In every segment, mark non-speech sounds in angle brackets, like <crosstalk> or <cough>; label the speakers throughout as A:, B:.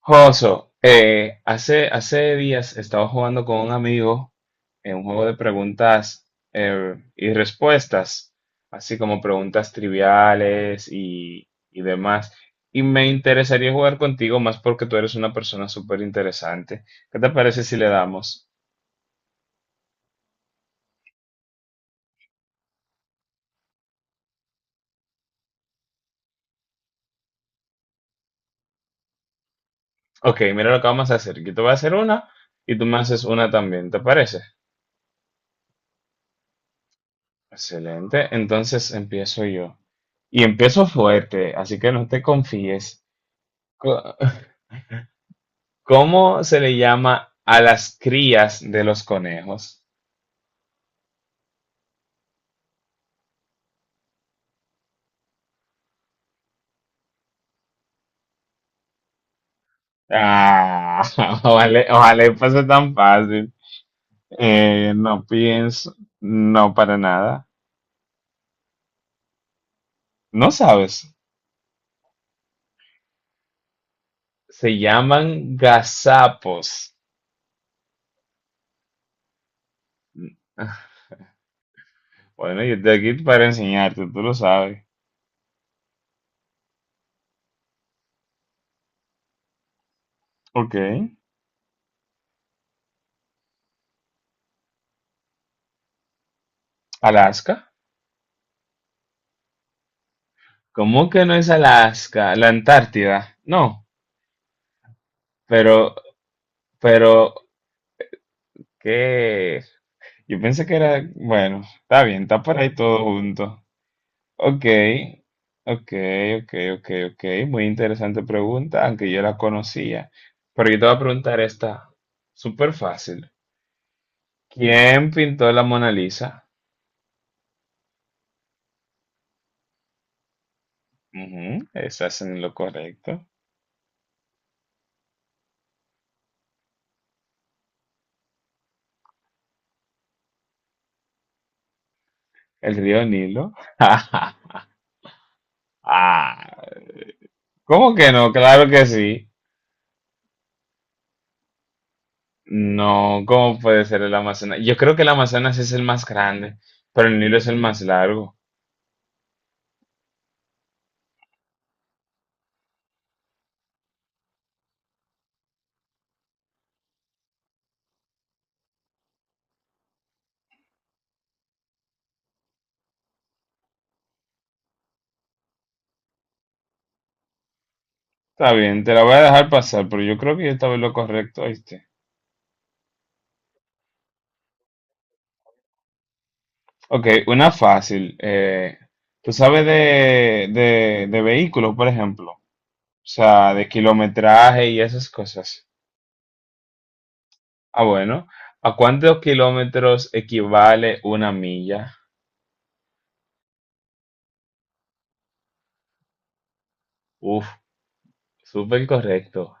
A: Joso, hace días estaba jugando con un amigo en un juego de preguntas y respuestas, así como preguntas triviales y demás. Y me interesaría jugar contigo más porque tú eres una persona súper interesante. ¿Qué te parece si le damos? Ok, mira lo que vamos a hacer. Yo te voy a hacer una y tú me haces una también, ¿te parece? Excelente, entonces empiezo yo. Y empiezo fuerte, así que no te confíes. <laughs> ¿Cómo se le llama a las crías de los conejos? Ah, <laughs> ojalá, ojalá y fuese tan fácil. No pienso, no para nada. No sabes. Se llaman gazapos. Bueno, yo estoy aquí para enseñarte, tú lo sabes. Ok. Alaska. ¿Cómo que no es Alaska? La Antártida. No, pero, pero, ¿qué? Yo pensé que era, bueno, está bien, está por ahí todo junto. Ok, ok, ok, ok, ok. Muy interesante pregunta, aunque yo la conocía. Pero yo te voy a preguntar esta, súper fácil. ¿Quién pintó la Mona Lisa? Ujú, estás en lo correcto. El río Nilo. <laughs> Ah, ¿cómo que no? Claro que sí. No, ¿cómo puede ser el Amazonas? Yo creo que el Amazonas es el más grande, pero el Nilo es el más largo. Está bien, te la voy a dejar pasar, pero yo creo que yo estaba en lo correcto, ¿oíste? Ok, una fácil. ¿Tú sabes de vehículos, por ejemplo? O sea, de kilometraje y esas cosas. Ah, bueno. ¿A cuántos kilómetros equivale una milla? Uf, súper correcto.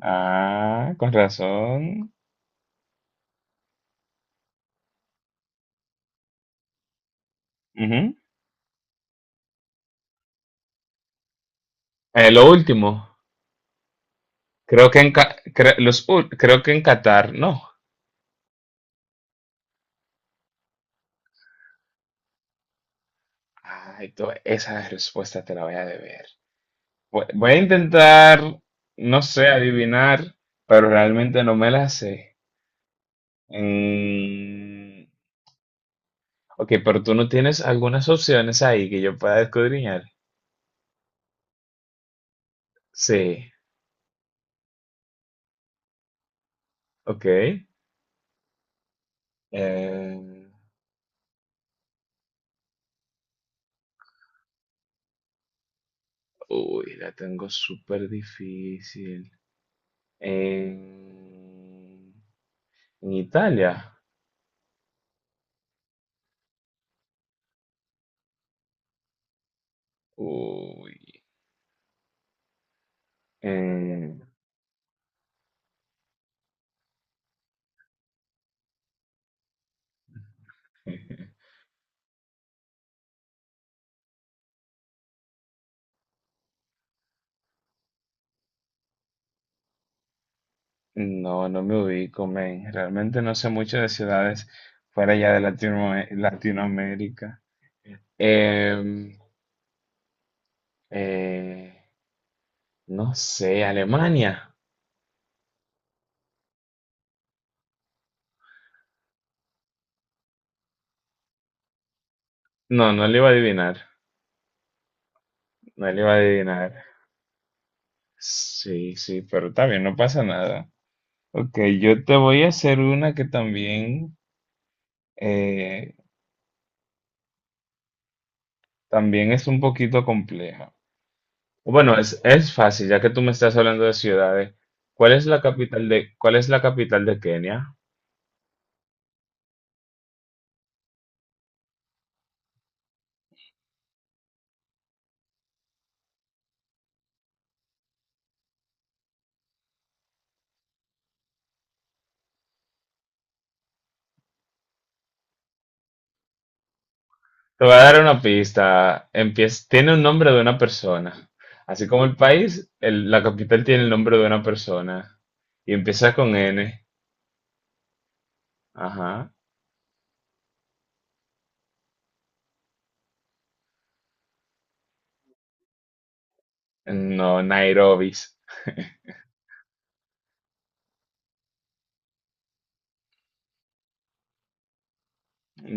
A: Ah, con razón. Ujú. Lo último, creo que en, Ca- cre- los, ul- creo que en Qatar, no. Ay, esa respuesta te la voy a deber. Voy a intentar, no sé, adivinar, pero realmente no me la sé. Mm, ok, pero tú no tienes algunas opciones ahí que yo pueda escudriñar. Sí, ok. Eh, Uy, la tengo súper difícil. En, en Italia. Uy. eh, no, no me ubico, men. Realmente no sé mucho de ciudades fuera ya de Latinoamérica. Em, eh, no sé, Alemania. No, no le iba a adivinar. No le iba a adivinar. Sí, sí, pero está bien, no pasa nada. Ok, yo te voy a hacer una que también, eh, también es un poquito compleja. Bueno, es fácil, ya que tú me estás hablando de ciudades. ¿Cuál es la capital de Kenia? Te voy a dar una pista. Empieza, tiene un nombre de una persona. Así como el país, la capital tiene el nombre de una persona. Y empieza con N. Ajá. No, Nairobi.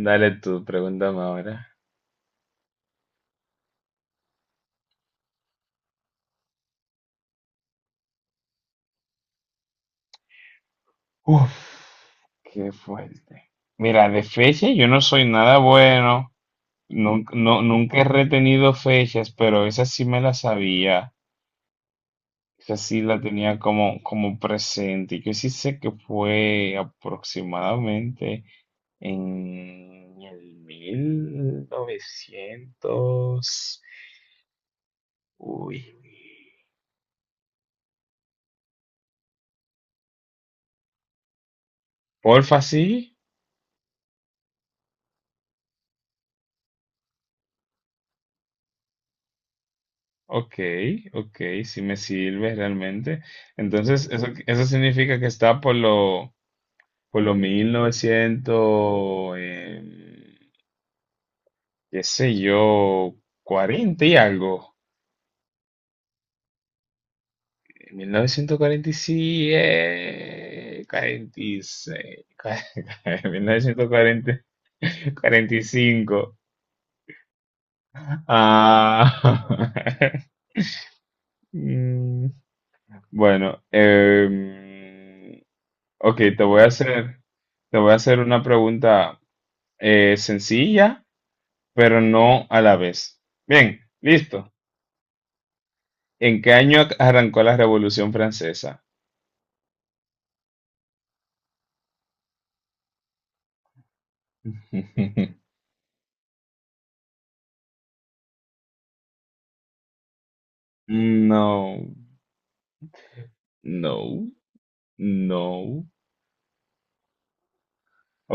A: Dale tú, pregúntame ahora. Uf, qué fuerte. Mira, de fecha yo no soy nada bueno. Nunca he retenido fechas, pero esa sí me la sabía. Esa sí la tenía como, presente. Yo sí sé que fue aproximadamente en el mil novecientos. Uy. Porfa, sí. Ok, ok, sí me sirve realmente. Entonces, eso significa que está por lo 1900, qué sé yo, cuarenta y algo. Mil novecientos cuarenta y siete, cuarenta y seis, <laughs> mil novecientos cuarenta y cinco. Ah, <laughs> mm, bueno, ok, te voy a hacer una pregunta sencilla, pero no a la vez. Bien, listo. ¿En qué año arrancó la Revolución Francesa? <laughs> No, no, no.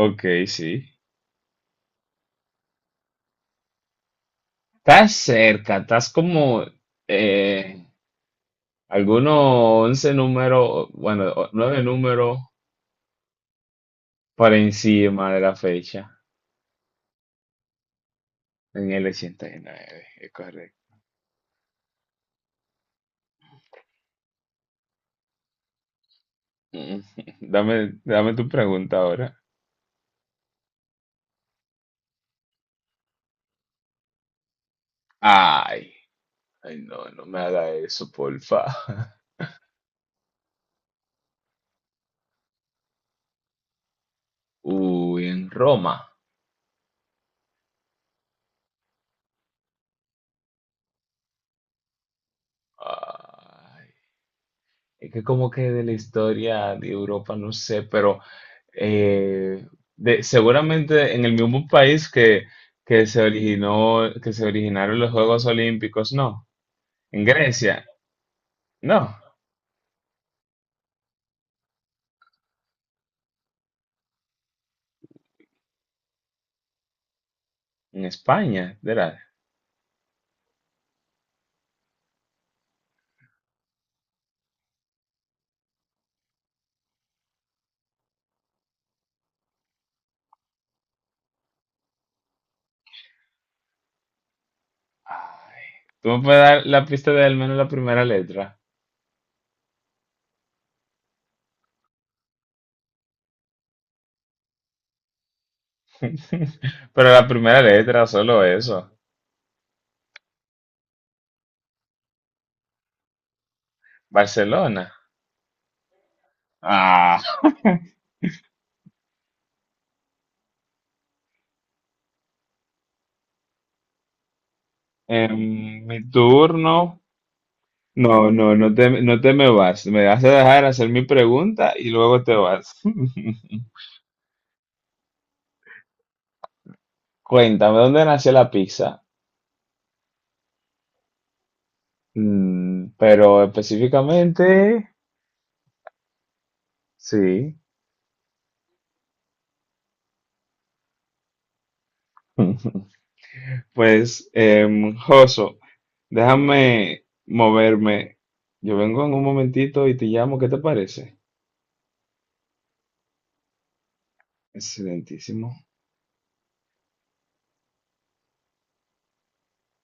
A: Ok, sí. Estás cerca, estás como eh, algunos 11 números, bueno, 9 números por encima de la fecha, en el 89, es correcto. <laughs> Dame tu pregunta ahora. Ay, ay, no, no me haga eso, porfa. <laughs> Uy, en Roma. Ay, es que como que de la historia de Europa, no sé, pero eh, seguramente en el mismo país que, que se originaron los Juegos Olímpicos, no. En Grecia, no. En España, ¿verdad? Tú me puedes dar la pista de al menos la primera letra. <laughs> Pero la primera letra, solo eso. Barcelona. Ah, en mi turno. No, no, no te me vas. Me vas a dejar hacer mi pregunta y luego te vas. <laughs> Cuéntame, ¿dónde nació la pizza? Pero específicamente, sí. <laughs> Pues, Joso, déjame moverme. Yo vengo en un momentito y te llamo. ¿Qué te parece? Excelentísimo.